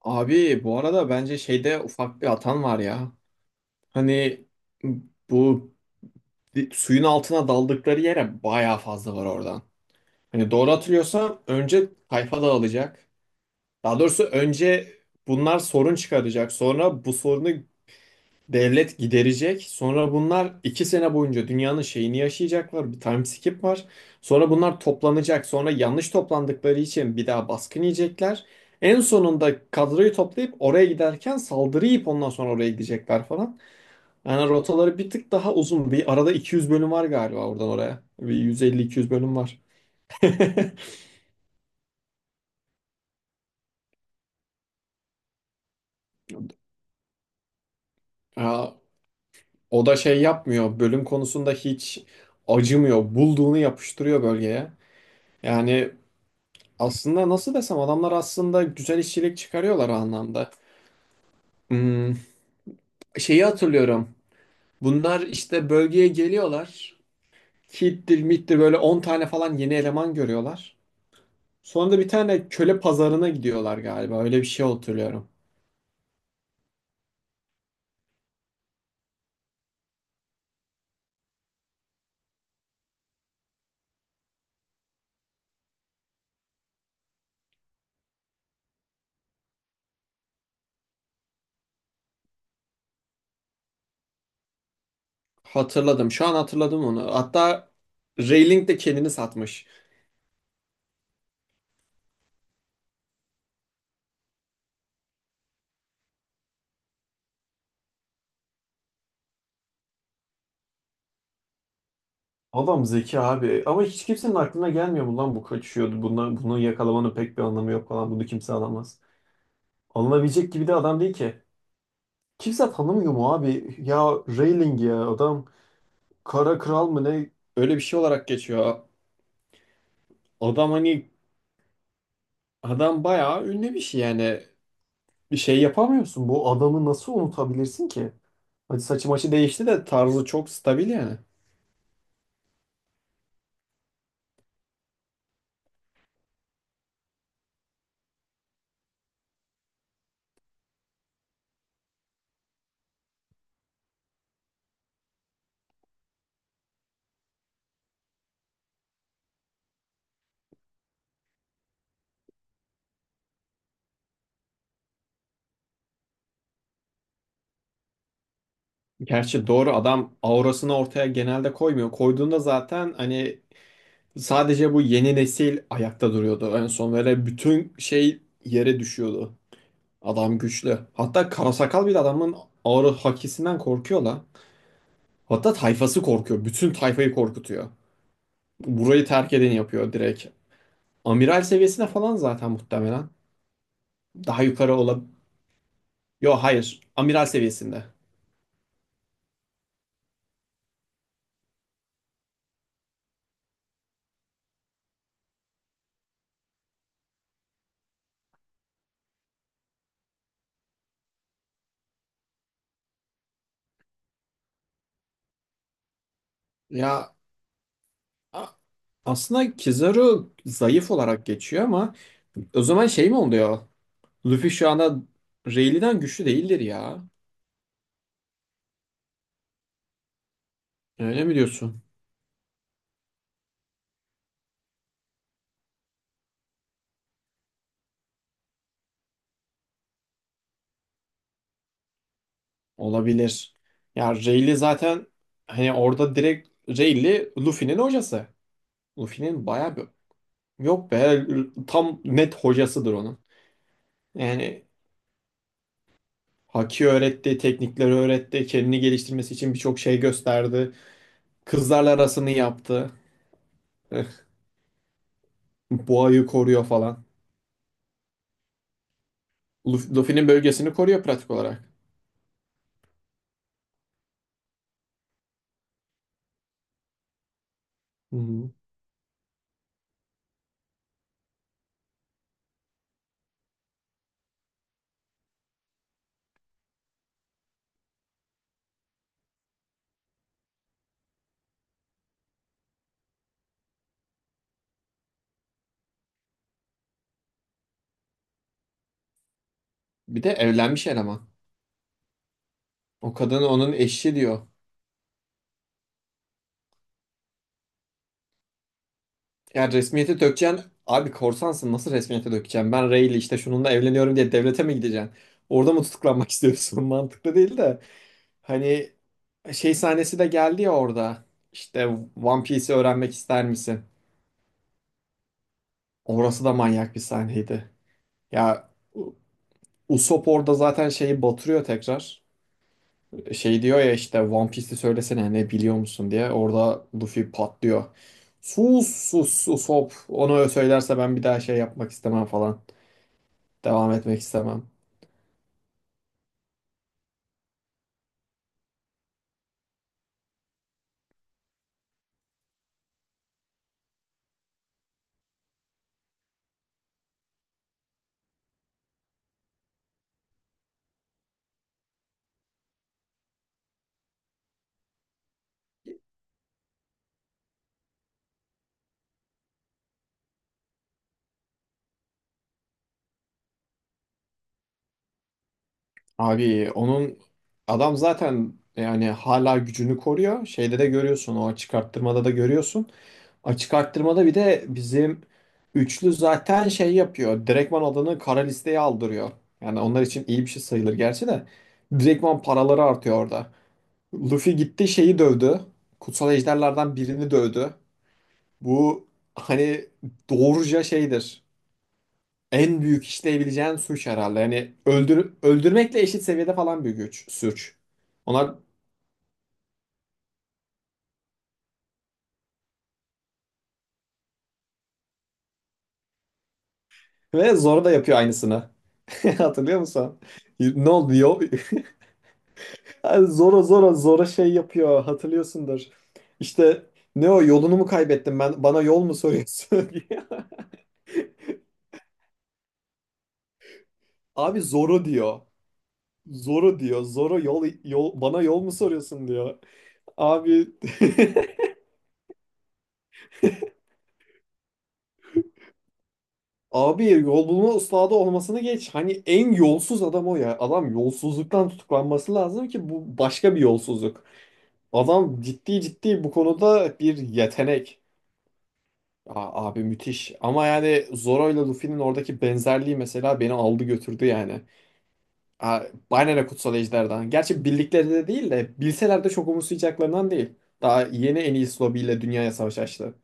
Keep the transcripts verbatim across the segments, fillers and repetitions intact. Abi bu arada bence şeyde ufak bir hatan var ya. Hani bu di- suyun altına daldıkları yere bayağı fazla var oradan. Hani doğru hatırlıyorsam önce tayfa dağılacak. Daha doğrusu önce bunlar sorun çıkaracak. Sonra bu sorunu devlet giderecek. Sonra bunlar iki sene boyunca dünyanın şeyini yaşayacaklar. Bir time skip var. Sonra bunlar toplanacak. Sonra yanlış toplandıkları için bir daha baskın yiyecekler. En sonunda kadroyu toplayıp oraya giderken saldırı yiyip ondan sonra oraya gidecekler falan. Yani rotaları bir tık daha uzun. Bir arada iki yüz bölüm var galiba oradan oraya. Bir yüz elli iki yüz bölüm var. Aa, o da şey yapmıyor. Bölüm konusunda hiç acımıyor. Bulduğunu yapıştırıyor bölgeye. Yani aslında nasıl desem, adamlar aslında güzel işçilik çıkarıyorlar o anlamda. Hmm, şeyi hatırlıyorum. Bunlar işte bölgeye geliyorlar. Hittir, mittir böyle on tane falan yeni eleman görüyorlar. Sonra da bir tane köle pazarına gidiyorlar galiba. Öyle bir şey hatırlıyorum. Hatırladım. Şu an hatırladım onu. Hatta Rayling de kendini satmış. Adam zeki abi. Ama hiç kimsenin aklına gelmiyor mu lan, bu kaçıyordu. Buna, bunu yakalamanın pek bir anlamı yok falan. Bunu kimse alamaz. Alınabilecek gibi de adam değil ki. Kimse tanımıyor mu abi? Ya Rowling ya, adam kara kral mı ne? Öyle bir şey olarak geçiyor. Adam hani adam bayağı ünlü bir şey yani. Bir şey yapamıyorsun. Bu adamı nasıl unutabilirsin ki? Hadi saçı maçı değişti de tarzı çok stabil yani. Gerçi doğru, adam aurasını ortaya genelde koymuyor. Koyduğunda zaten hani sadece bu yeni nesil ayakta duruyordu. En son böyle bütün şey yere düşüyordu. Adam güçlü. Hatta karasakal bile adamın aura hakisinden korkuyor lan. Hatta tayfası korkuyor. Bütün tayfayı korkutuyor. Burayı terk edeni yapıyor direkt. Amiral seviyesine falan zaten muhtemelen. Daha yukarı olabilir. Yok hayır. Amiral seviyesinde. Ya a- aslında Kizaru zayıf olarak geçiyor, ama o zaman şey mi oluyor? Luffy şu anda Rayleigh'den güçlü değildir ya. Öyle mi diyorsun? Olabilir. Ya Rayleigh zaten hani orada direkt Rayleigh Luffy'nin hocası. Luffy'nin bayağı bir... Yok be, tam net hocasıdır onun. Yani Haki öğretti, teknikleri öğretti, kendini geliştirmesi için birçok şey gösterdi. Kızlarla arasını yaptı. Boğayı koruyor falan. Luf- Luffy'nin bölgesini koruyor pratik olarak. Hı hı. Bir de evlenmiş eleman. O kadın onun eşi diyor. Yani resmiyete dökeceksin. Abi korsansın, nasıl resmiyete dökeceksin? Ben Rayleigh, işte şununla evleniyorum diye devlete mi gideceksin? Orada mı tutuklanmak istiyorsun? Mantıklı değil de. Hani şey sahnesi de geldi ya orada. İşte One Piece'i öğrenmek ister misin? Orası da manyak bir sahneydi. Ya U- Usopp orada zaten şeyi batırıyor tekrar. Şey diyor ya işte, One Piece'i söylesene ne biliyor musun diye. Orada Luffy patlıyor. Sus sus sus, hop. Onu söylerse ben bir daha şey yapmak istemem falan. Devam etmek istemem. Abi onun adam zaten yani hala gücünü koruyor. Şeyde de görüyorsun, o çıkarttırmada da görüyorsun. Açık arttırmada bir de bizim üçlü zaten şey yapıyor. Direktman adını kara listeye aldırıyor. Yani onlar için iyi bir şey sayılır gerçi de. Direktman paraları artıyor orada. Luffy gitti şeyi dövdü. Kutsal ejderlerden birini dövdü. Bu hani doğruca şeydir. En büyük işleyebileceğin suç herhalde. Yani öldür öldürmekle eşit seviyede falan bir güç, suç. Onlar ve Zoro da yapıyor aynısını. Hatırlıyor musun? Ne oldu? Yo, yani Zora zora zora şey yapıyor, hatırlıyorsundur. İşte, ne o yolunu mu kaybettim, ben bana yol mu soruyorsun diye. Abi Zoro diyor. Zoro diyor. Zoro yol, yol bana yol mu soruyorsun diyor. Abi abi, yol bulma ustası olmasını geç. Hani en yolsuz adam o ya. Adam yolsuzluktan tutuklanması lazım ki, bu başka bir yolsuzluk. Adam ciddi ciddi bu konuda bir yetenek. Aa, abi müthiş. Ama yani Zoro ile Luffy'nin oradaki benzerliği mesela beni aldı götürdü yani. Aa, aynen o kutsal ejderden. Gerçi bildikleri de değil, de bilseler de çok umursayacaklarından değil. Daha yeni en iyi Lobby ile dünyaya savaş açtı.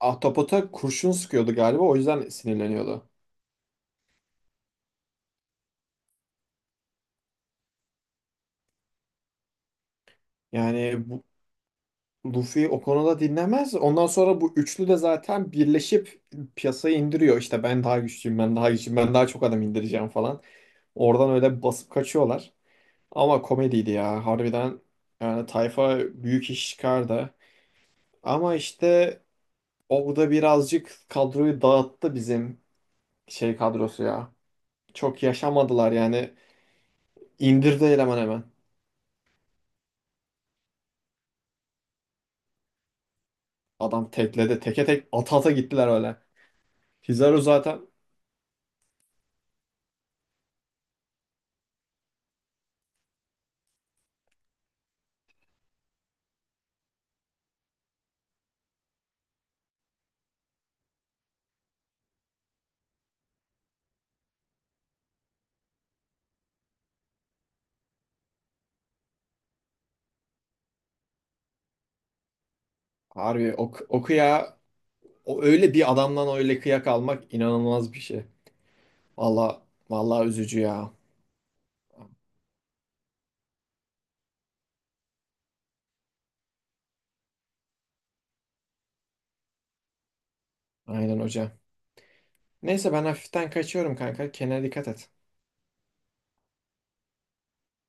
Ahtapot'a kurşun sıkıyordu galiba, o yüzden sinirleniyordu. Yani bu, Luffy o konuda dinlemez. Ondan sonra bu üçlü de zaten birleşip piyasayı indiriyor. İşte ben daha güçlüyüm, ben daha güçlüyüm, ben daha çok adam indireceğim falan. Oradan öyle basıp kaçıyorlar. Ama komediydi ya, harbiden. Yani tayfa büyük iş çıkardı. Ama işte orada birazcık kadroyu dağıttı bizim şey kadrosu ya. Çok yaşamadılar yani. İndirdi eleman hemen. Adam tekledi. Teke tek ata ata gittiler öyle. Pizarro zaten harbi o, o kıya o, öyle bir adamdan öyle kıyak almak inanılmaz bir şey. Valla vallahi üzücü ya. Aynen hocam. Neyse ben hafiften kaçıyorum kanka. Kendine dikkat et.